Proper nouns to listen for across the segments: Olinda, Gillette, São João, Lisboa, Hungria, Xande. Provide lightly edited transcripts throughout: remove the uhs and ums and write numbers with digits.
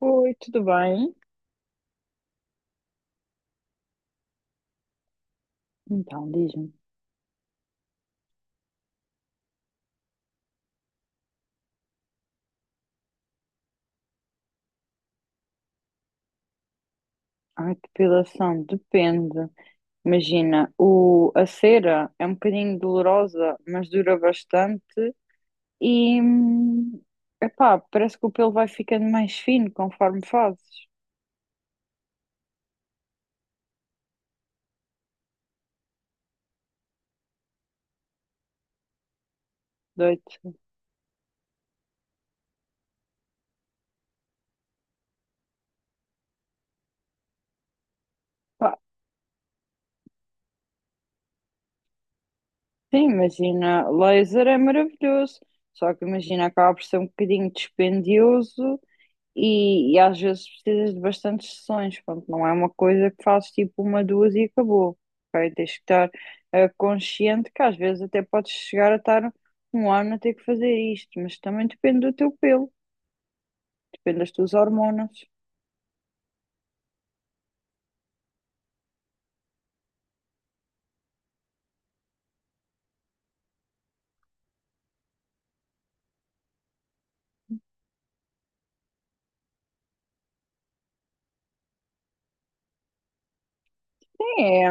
Oi, tudo bem? Então, diz-me. A depilação depende. Imagina, o, a cera é um bocadinho dolorosa, mas dura bastante e, hum, epá, parece que o pelo vai ficando mais fino conforme fazes. Doito. Pá, sim, imagina, laser é maravilhoso, só que imagina, acaba por ser um bocadinho dispendioso. E às vezes precisas de bastantes sessões, pronto, não é uma coisa que fazes tipo uma, duas e acabou, ok? Tens que estar consciente que às vezes até podes chegar a estar um ano a ter que fazer isto, mas também depende do teu pelo, depende das tuas hormonas. É,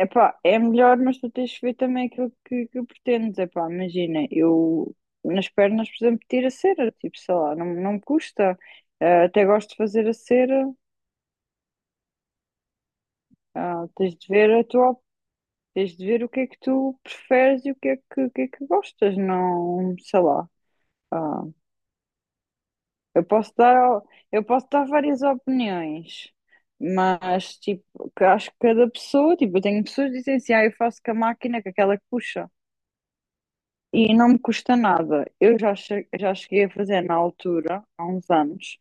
é, epá, é melhor, mas tu tens de ver também aquilo que pretendes, epá, imagina, eu nas pernas, por exemplo, tiro a cera, tipo, sei lá, não me custa. Eh, até gosto de fazer a cera. Ah, tens de ver a tua. Tens de ver o que é que tu preferes e o que é que, o que é que gostas, não, sei lá. Ah, eu posso dar, eu posso dar várias opiniões, mas tipo, que acho que cada pessoa, tipo, eu tenho pessoas que dizem assim, ah, eu faço com a máquina, com aquela que puxa, e não me custa nada. Já cheguei a fazer na altura, há uns anos,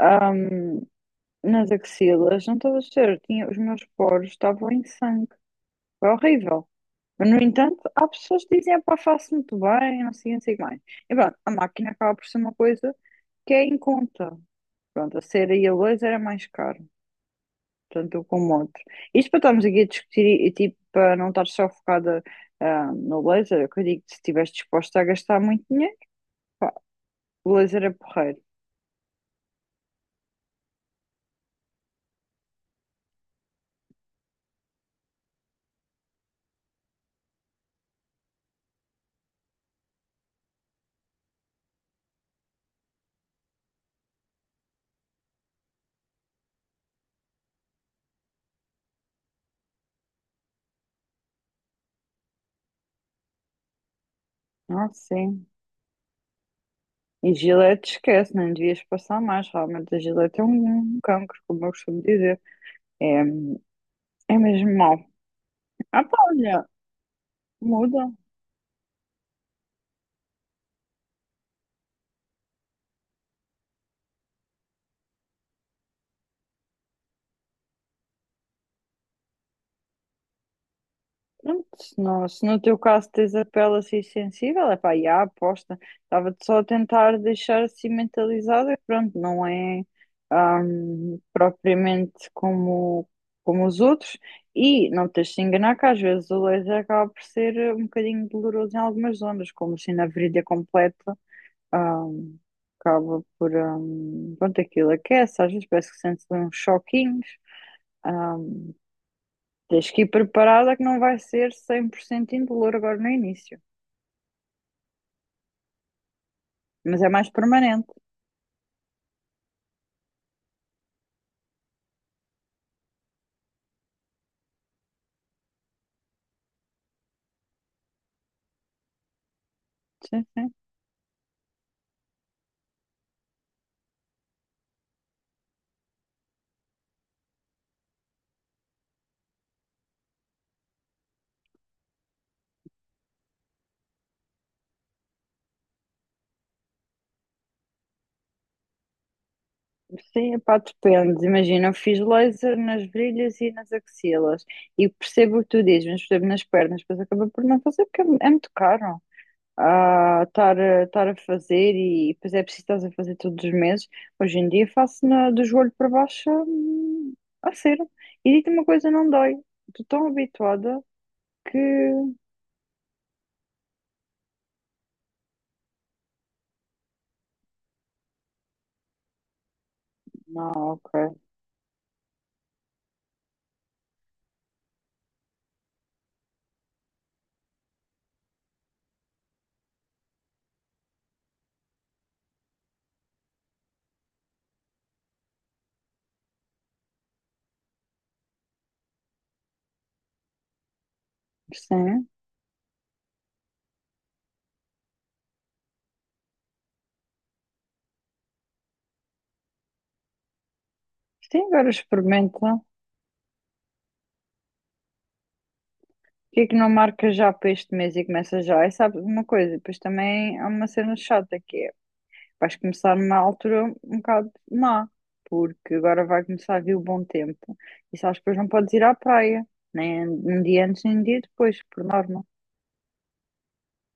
ahm, nas axilas, não estás a ver, tinha, os meus poros estavam em sangue, foi horrível. Mas, no entanto, há pessoas que dizem, pá, faço muito bem, não sei, não sei o que mais. E pronto, a máquina acaba por ser uma coisa que é em conta. Pronto, a cera e a luz era mais caro, tanto um como o outro. Isto para estarmos aqui a discutir tipo, para não estar só focada no laser, eu digo que se estiveres disposta a gastar muito dinheiro, pá, o laser é porreiro. Ah, sim. E Gillette esquece, não devias passar mais. Realmente a Gillette é um cancro, como eu costumo dizer. É, é mesmo mau. Ah, pá, olha, muda. Pronto, se no teu caso tens a pele assim sensível, é pá, já, aposta. Estava-te só a tentar deixar assim mentalizada, que pronto, não é propriamente como, como os outros. E não te deixes de enganar que às vezes o laser acaba por ser um bocadinho doloroso em algumas zonas, como assim na virilha completa, ahm, acaba por, pronto, aquilo aquece, às vezes parece que sente uns choquinhos. Tens que ir preparada que não vai ser 100% indolor agora no início. Mas é mais permanente. Sim, sim. Sim, epá, depende. Imagina, eu fiz laser nas virilhas e nas axilas. E percebo o que tu dizes, mas percebo nas pernas. Depois acaba por não fazer porque é muito caro. Ah, estar a fazer e depois é preciso estás a fazer todos os meses. Hoje em dia faço do joelho para baixo, a cera. E digo-te uma coisa, não dói. Estou tão habituada que... Não, ok. Sim. Sim, agora experimenta. Porquê é que não marca já para este mês e começa já? E sabes uma coisa, depois também há uma cena chata que é, vais começar numa altura um bocado má, porque agora vai começar a vir o bom tempo. E sabes que depois não podes ir à praia, nem um dia antes, nem um dia depois, por norma.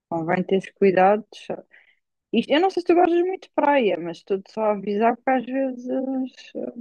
Convém teres cuidado. Isto, eu não sei se tu gostas muito de praia, mas estou-te só a avisar porque às vezes, eh,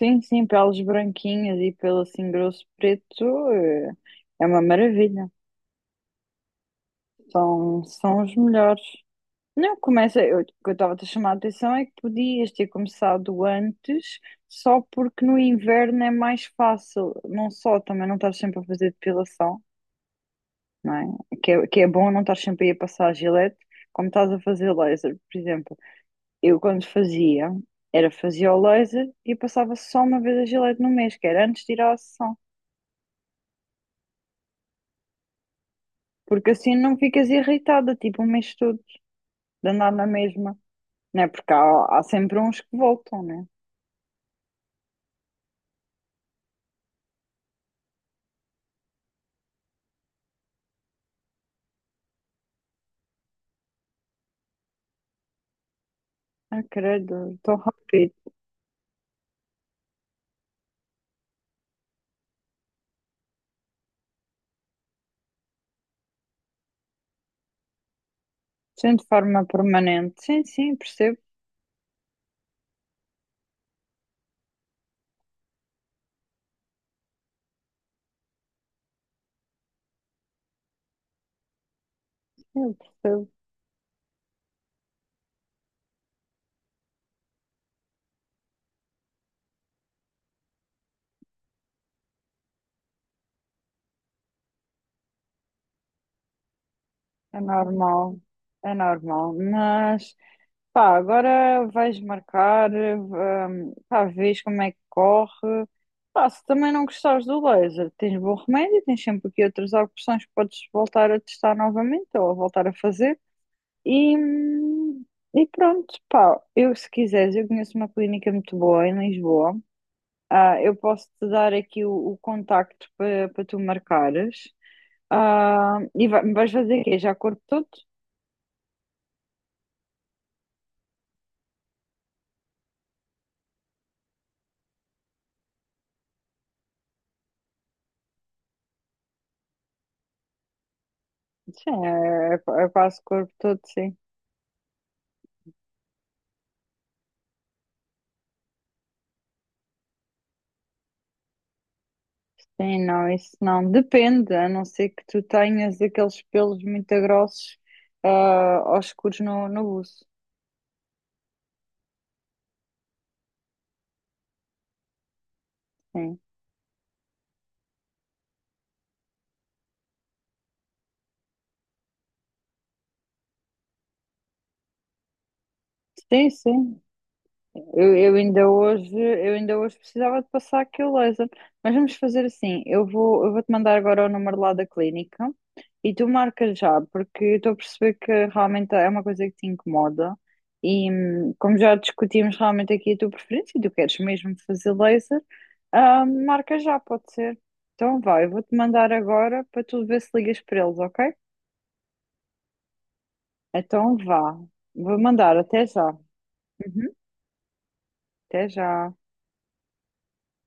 sim, sim, peles branquinhas e pelo assim grosso preto, é uma maravilha. São, são os melhores. Não, começa. O que eu estava a te chamar a atenção é que podias ter começado antes, só porque no inverno é mais fácil. Não só, também não estás sempre a fazer depilação, não é? Que é bom não estar sempre aí a passar a gilete, como estás a fazer laser, por exemplo. Eu quando fazia, era fazia o laser e passava só uma vez a gilete no mês, que era antes de ir à sessão. Porque assim não ficas irritada, tipo, o mês todo, de andar na mesma. Não é? Porque há sempre uns que voltam, né? Ah, credo, tão rápido. Sim, de forma permanente. Sim, sim, percebo. Eu percebo. É normal. É normal. Mas, pá, agora vais marcar, pá, vês como é que corre. Pá, se também não gostares do laser, tens bom remédio, tens sempre aqui outras opções que podes voltar a testar novamente ou a voltar a fazer. E, hum, e pronto, pá, eu se quiseres, eu conheço uma clínica muito boa em Lisboa. Ah, eu posso te dar aqui o contacto para para tu marcares. Ah, e vais fazer o quê? Já corpo todo? Sim, é quase corpo todo, sim. Sim, não, isso não. Depende, a não ser que tu tenhas aqueles pelos muito grossos, ah, aos escuros no buço. Sim, sim, sim. Eu ainda hoje precisava de passar aquele laser. Mas vamos fazer assim, eu vou-te mandar agora o número lá da clínica e tu marcas já, porque eu estou a perceber que realmente é uma coisa que te incomoda e, como já discutimos realmente aqui a tua preferência e tu queres mesmo fazer laser, ah, marca já, pode ser. Então vá, eu vou-te mandar agora para tu ver se ligas para eles, ok? Então vá, vou mandar, até já. Uhum, até já.